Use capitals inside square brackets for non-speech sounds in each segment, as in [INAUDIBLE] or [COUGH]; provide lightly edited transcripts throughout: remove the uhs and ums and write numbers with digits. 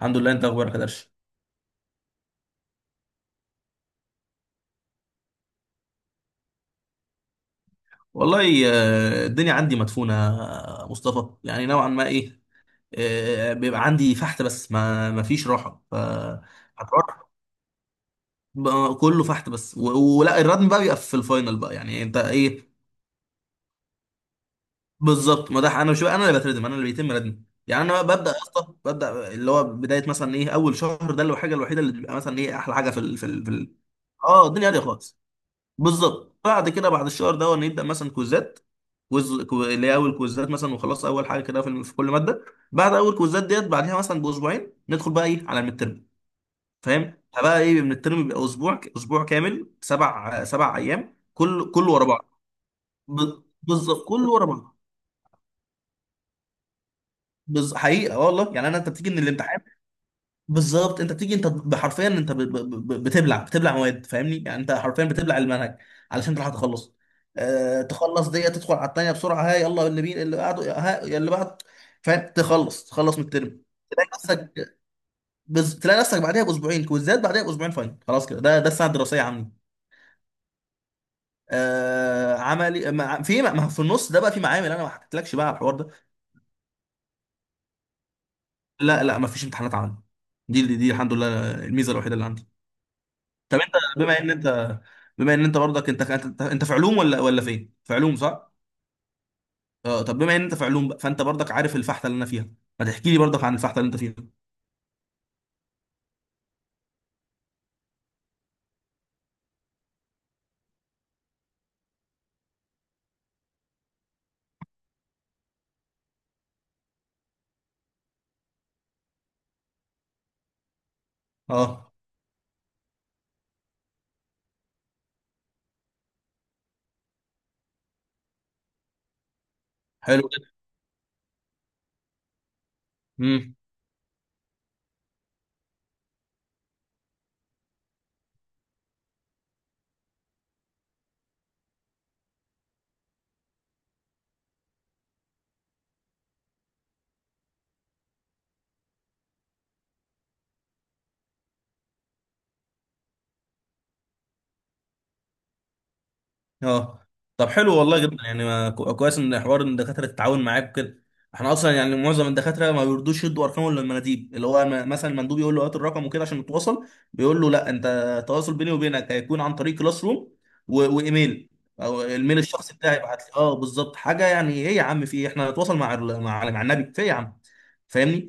الحمد لله. انت اخبارك يا درش؟ والله آه، الدنيا عندي مدفونة. مصطفى، يعني نوعا ما ايه. بيبقى عندي فحت بس ما فيش راحة. هتروح بقى كله فحت بس ولا الردم بقى بيبقى في الفاينل بقى، يعني انت ايه؟ بالظبط، ما ده انا مش بقى انا اللي بتردم، انا اللي بيتم ردمي. يعني انا ببدا يا اسطى، ببدا اللي هو بدايه مثلا ايه اول شهر ده، اللي هو الحاجه الوحيده اللي بتبقى مثلا ايه احلى حاجه اه الدنيا هاديه خالص. بالظبط، بعد كده بعد الشهر ده نبدا مثلا كوزات. اللي هي اول كوزات مثلا، وخلاص اول حاجه كده في كل ماده. بعد اول كوزات ديت بعدها مثلا باسبوعين ندخل بقى ايه على الميد ترم. فاهم؟ فبقى ايه من الترم بيبقى اسبوع، اسبوع كامل، سبع ايام كل كله ورا بعض. بالظبط، كله ورا بعض. حقيقه والله، يعني انا انت بتيجي من الامتحان. بالظبط، انت بتيجي انت بحرفيا، انت بتبلع مواد. فاهمني؟ يعني انت حرفيا بتبلع المنهج علشان تلحق تخلص. اه، تخلص دي تدخل على التانية بسرعة. ها، يلا اللي بين اللي بعده، ها اللي بعد. فاهم؟ تخلص، تخلص من الترم. تلاقي نفسك، تلاقي نفسك بعدها باسبوعين كويزات، بعدها باسبوعين فاينل، خلاص كده. ده ده السنة الدراسية عندي. آه عملي ما في النص ده بقى في معامل، انا ما حكيتلكش بقى على الحوار ده. لا ما فيش امتحانات عملي. دي دي الحمد لله الميزة الوحيدة اللي عندي. طب انت بما ان انت، بما ان انت برضك، انت في علوم ولا ولا فين؟ في علوم صح؟ اه، طب بما ان انت في علوم بقى، فانت برضك عارف الفحته اللي انا فيها. ما تحكي لي برضك عن الفحته اللي انت فيها. اه، حلو جدا. امم. اه، طب حلو والله جدا. يعني ما كويس ان حوار ان الدكاتره تتعاون معاك وكده. احنا اصلا يعني معظم الدكاتره ما بيرضوش يدوا ارقام ولا المناديب. اللي هو مثلا المندوب يقول له هات الرقم وكده عشان نتواصل، بيقول له لا، انت التواصل بيني وبينك هيكون عن طريق كلاس روم، وايميل او الميل الشخصي بتاعي يبعت لي. اه بالظبط، حاجه يعني ايه يا عم في إيه؟ احنا نتواصل مع مع النبي في ايه يا عم. فاهمني؟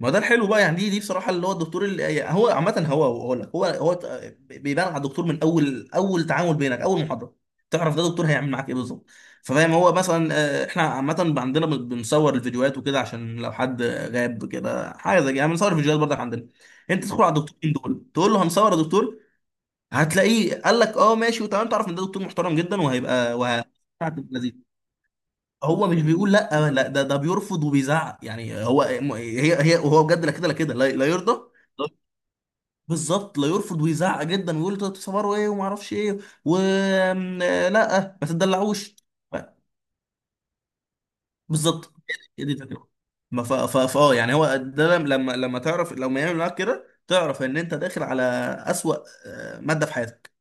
ما ده الحلو بقى، يعني دي دي بصراحه. اللي هو الدكتور اللي يعني هو عامه هو هو لك هو هو بيبان على الدكتور من اول، اول تعامل بينك، اول محاضره تعرف ده دكتور هيعمل معاك ايه بالظبط. فاهم؟ هو مثلا احنا عامه عندنا بنصور الفيديوهات وكده عشان لو حد غاب كده حاجه زي كده، يعني بنصور الفيديوهات برضك عندنا. انت تدخل على الدكتورين دول تقول له هنصور يا دكتور، هتلاقيه قال لك اه ماشي وتمام، تعرف ان ده دكتور محترم جدا وهيبقى هو مش بيقول لا، لا ده ده بيرفض وبيزعق. يعني هو هي هي، وهو بجد لا كده، لا كده، لا يرضى. لا- بالظبط، لا يرفض ويزعق جدا ويقول انتوا بتصوروا ايه وما اعرفش ايه. و آم، آه، لا ما تدلعوش. ف- بالظبط، هي دي الفكره. ما اه يعني هو ده لما تعرف لما يعمل معاك كده، تعرف ان انت داخل على اسوأ ماده في حياتك.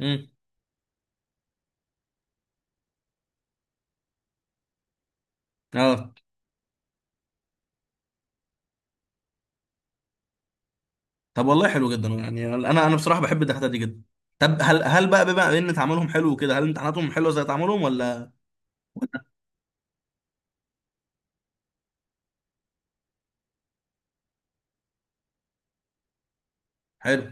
امم. اه، طب والله حلو جدا. يعني انا، انا بصراحه بحب الدكاتره دي جدا. طب هل، هل بقى بما ان تعاملهم حلو كده، هل امتحاناتهم حلوه زي تعاملهم ولا؟ حلو،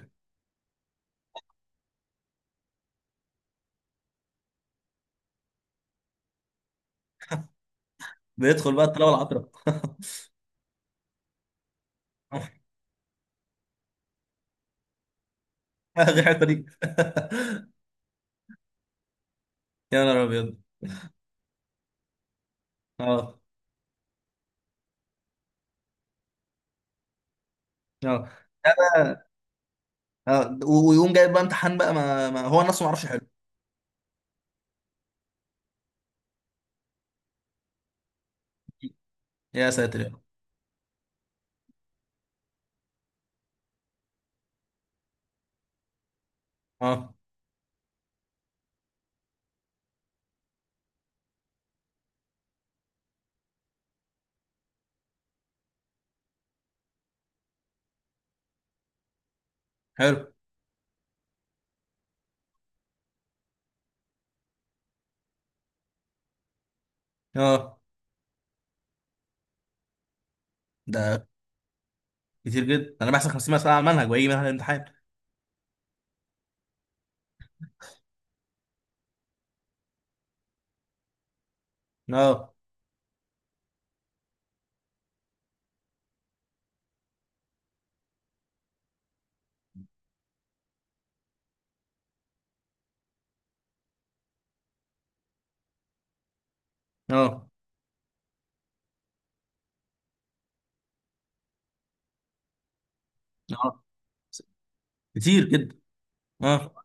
بيدخل بقى الطلبه العطره. [LAUGHS] غير الحته دي. [LAUGHS] يا نهار ابيض. اه، اه. ده بقى، اه، ويقوم جايب بقى امتحان بقى، ما، ما هو نفسه ما يعرفش. حلو. يا ساتر يا رب. اه، حلو. اه، ده كتير جدا. انا بحسب 50 مساله على المنهج وهيجي منهج الامتحان. اه، اه، اه، كتير جدا. اه،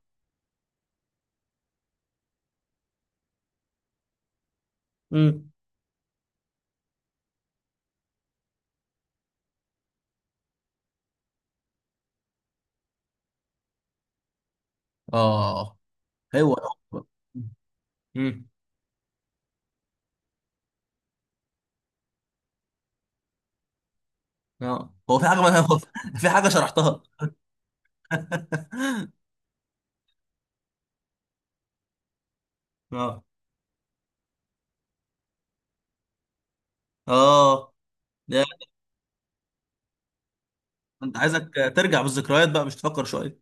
امم. اه، هو، امم. اه، هو في حاجه [LAUGHS] هو في حاجه شرحتها. اه، اه، ده انت عايزك ترجع بالذكريات بقى مش تفكر شويه.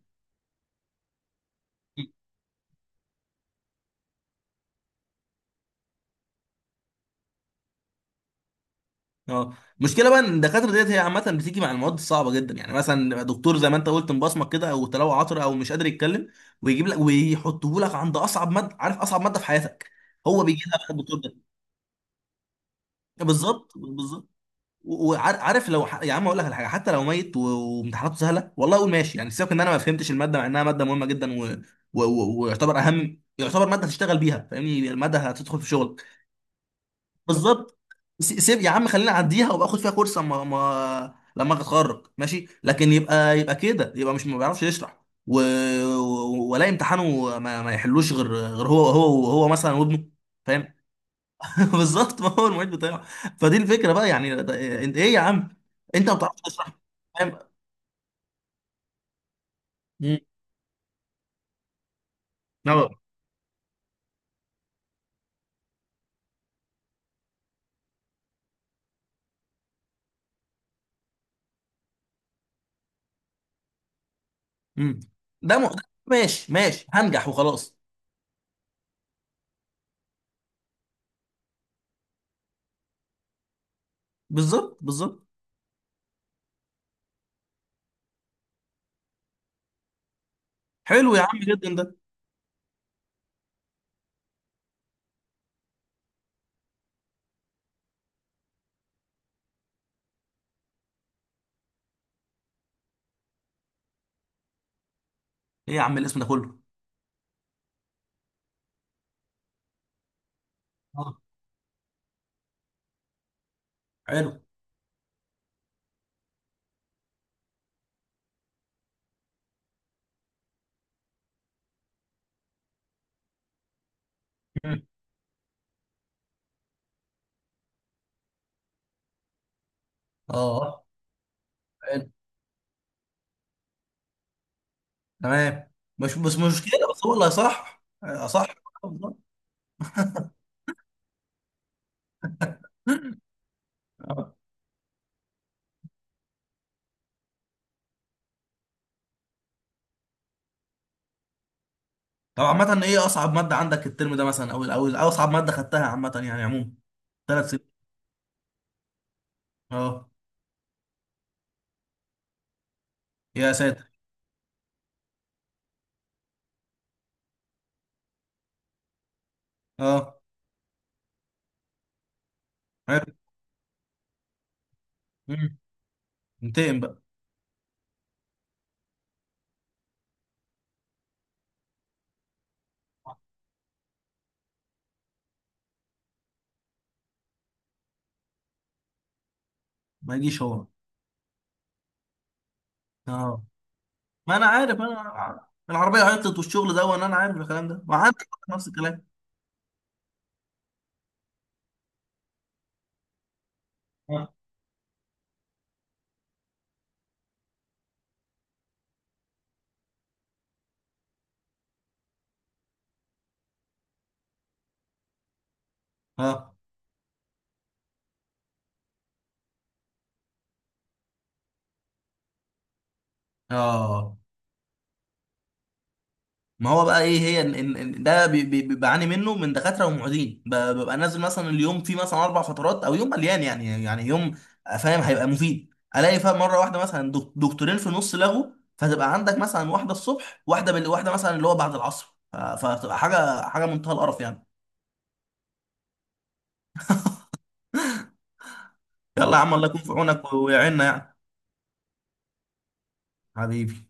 اه، المشكله بقى ان الدكاتره ديت هي عامه بتيجي مع المواد الصعبه جدا، يعني مثلا دكتور زي ما انت قلت مبصمك كده، او تلاوه عطره، او مش قادر يتكلم، ويجيب لك ويحطه لك عند اصعب ماده. عارف اصعب ماده في حياتك هو بيجي لك الدكتور ده. بالظبط، بالظبط. وعارف، لو يا عم اقول لك على حاجه، حتى لو ميت وامتحاناته سهله، والله اقول ماشي. يعني سيبك ان انا ما فهمتش الماده، مع انها ماده مهمه جدا، ويعتبر اهم، يعتبر ماده تشتغل بيها. فاهمني؟ الماده هتدخل في شغلك. بالظبط. سيب يا عم، خلينا اعديها وابقى اخد فيها كورس اما ما... لما أجي اتخرج ماشي، لكن يبقى، يبقى كده يبقى مش ما بيعرفش يشرح، و... ولا امتحانه ما يحلوش غير، غير هو مثلا وابنه. فاهم؟ [LAUGHS] بالظبط، ما هو المعيد بتاعه. فدي الفكره بقى، يعني ده، انت ايه يا عم؟ انت ما بتعرفش تشرح. فاهم؟ مم. اه. امم. ده ماشي، ماشي هنجح وخلاص. بالظبط، بالظبط. حلو يا عم جدا ده. ايه يا عم الاسم ده كله؟ آه. حلو. مم. اه، حلو، تمام. مش بس مشكله، بس هو اللي هيصح اصح. آه. طب عامه ايه اصعب ماده عندك الترم ده مثلا، او او أو اصعب ماده خدتها عامه يعني عموما 3 سنين؟ اه. يا ساتر. اه، حلو. انتقم بقى. ما يجيش هو. اه، ما انا عارف، انا العربيه عطلت والشغل ده، وانا، انا عارف الكلام ده، ما عندك نفس الكلام. اه، اه، اه. ما هو بقى ايه؟ هي إن ده بعاني منه من دكاتره ومعيدين. ببقى نازل مثلا اليوم فيه مثلا 4 فترات، او يوم مليان يعني، يعني فاهم هيبقى مفيد الاقي، فاهم مره واحده مثلا دكتورين في نص لغو، فتبقى عندك مثلا واحده الصبح، واحده واحده مثلا اللي هو بعد العصر، فتبقى حاجه، حاجه منتهى القرف يعني. يلا يا عم، الله يكون في عونك ويعيننا يعني. حبيبي.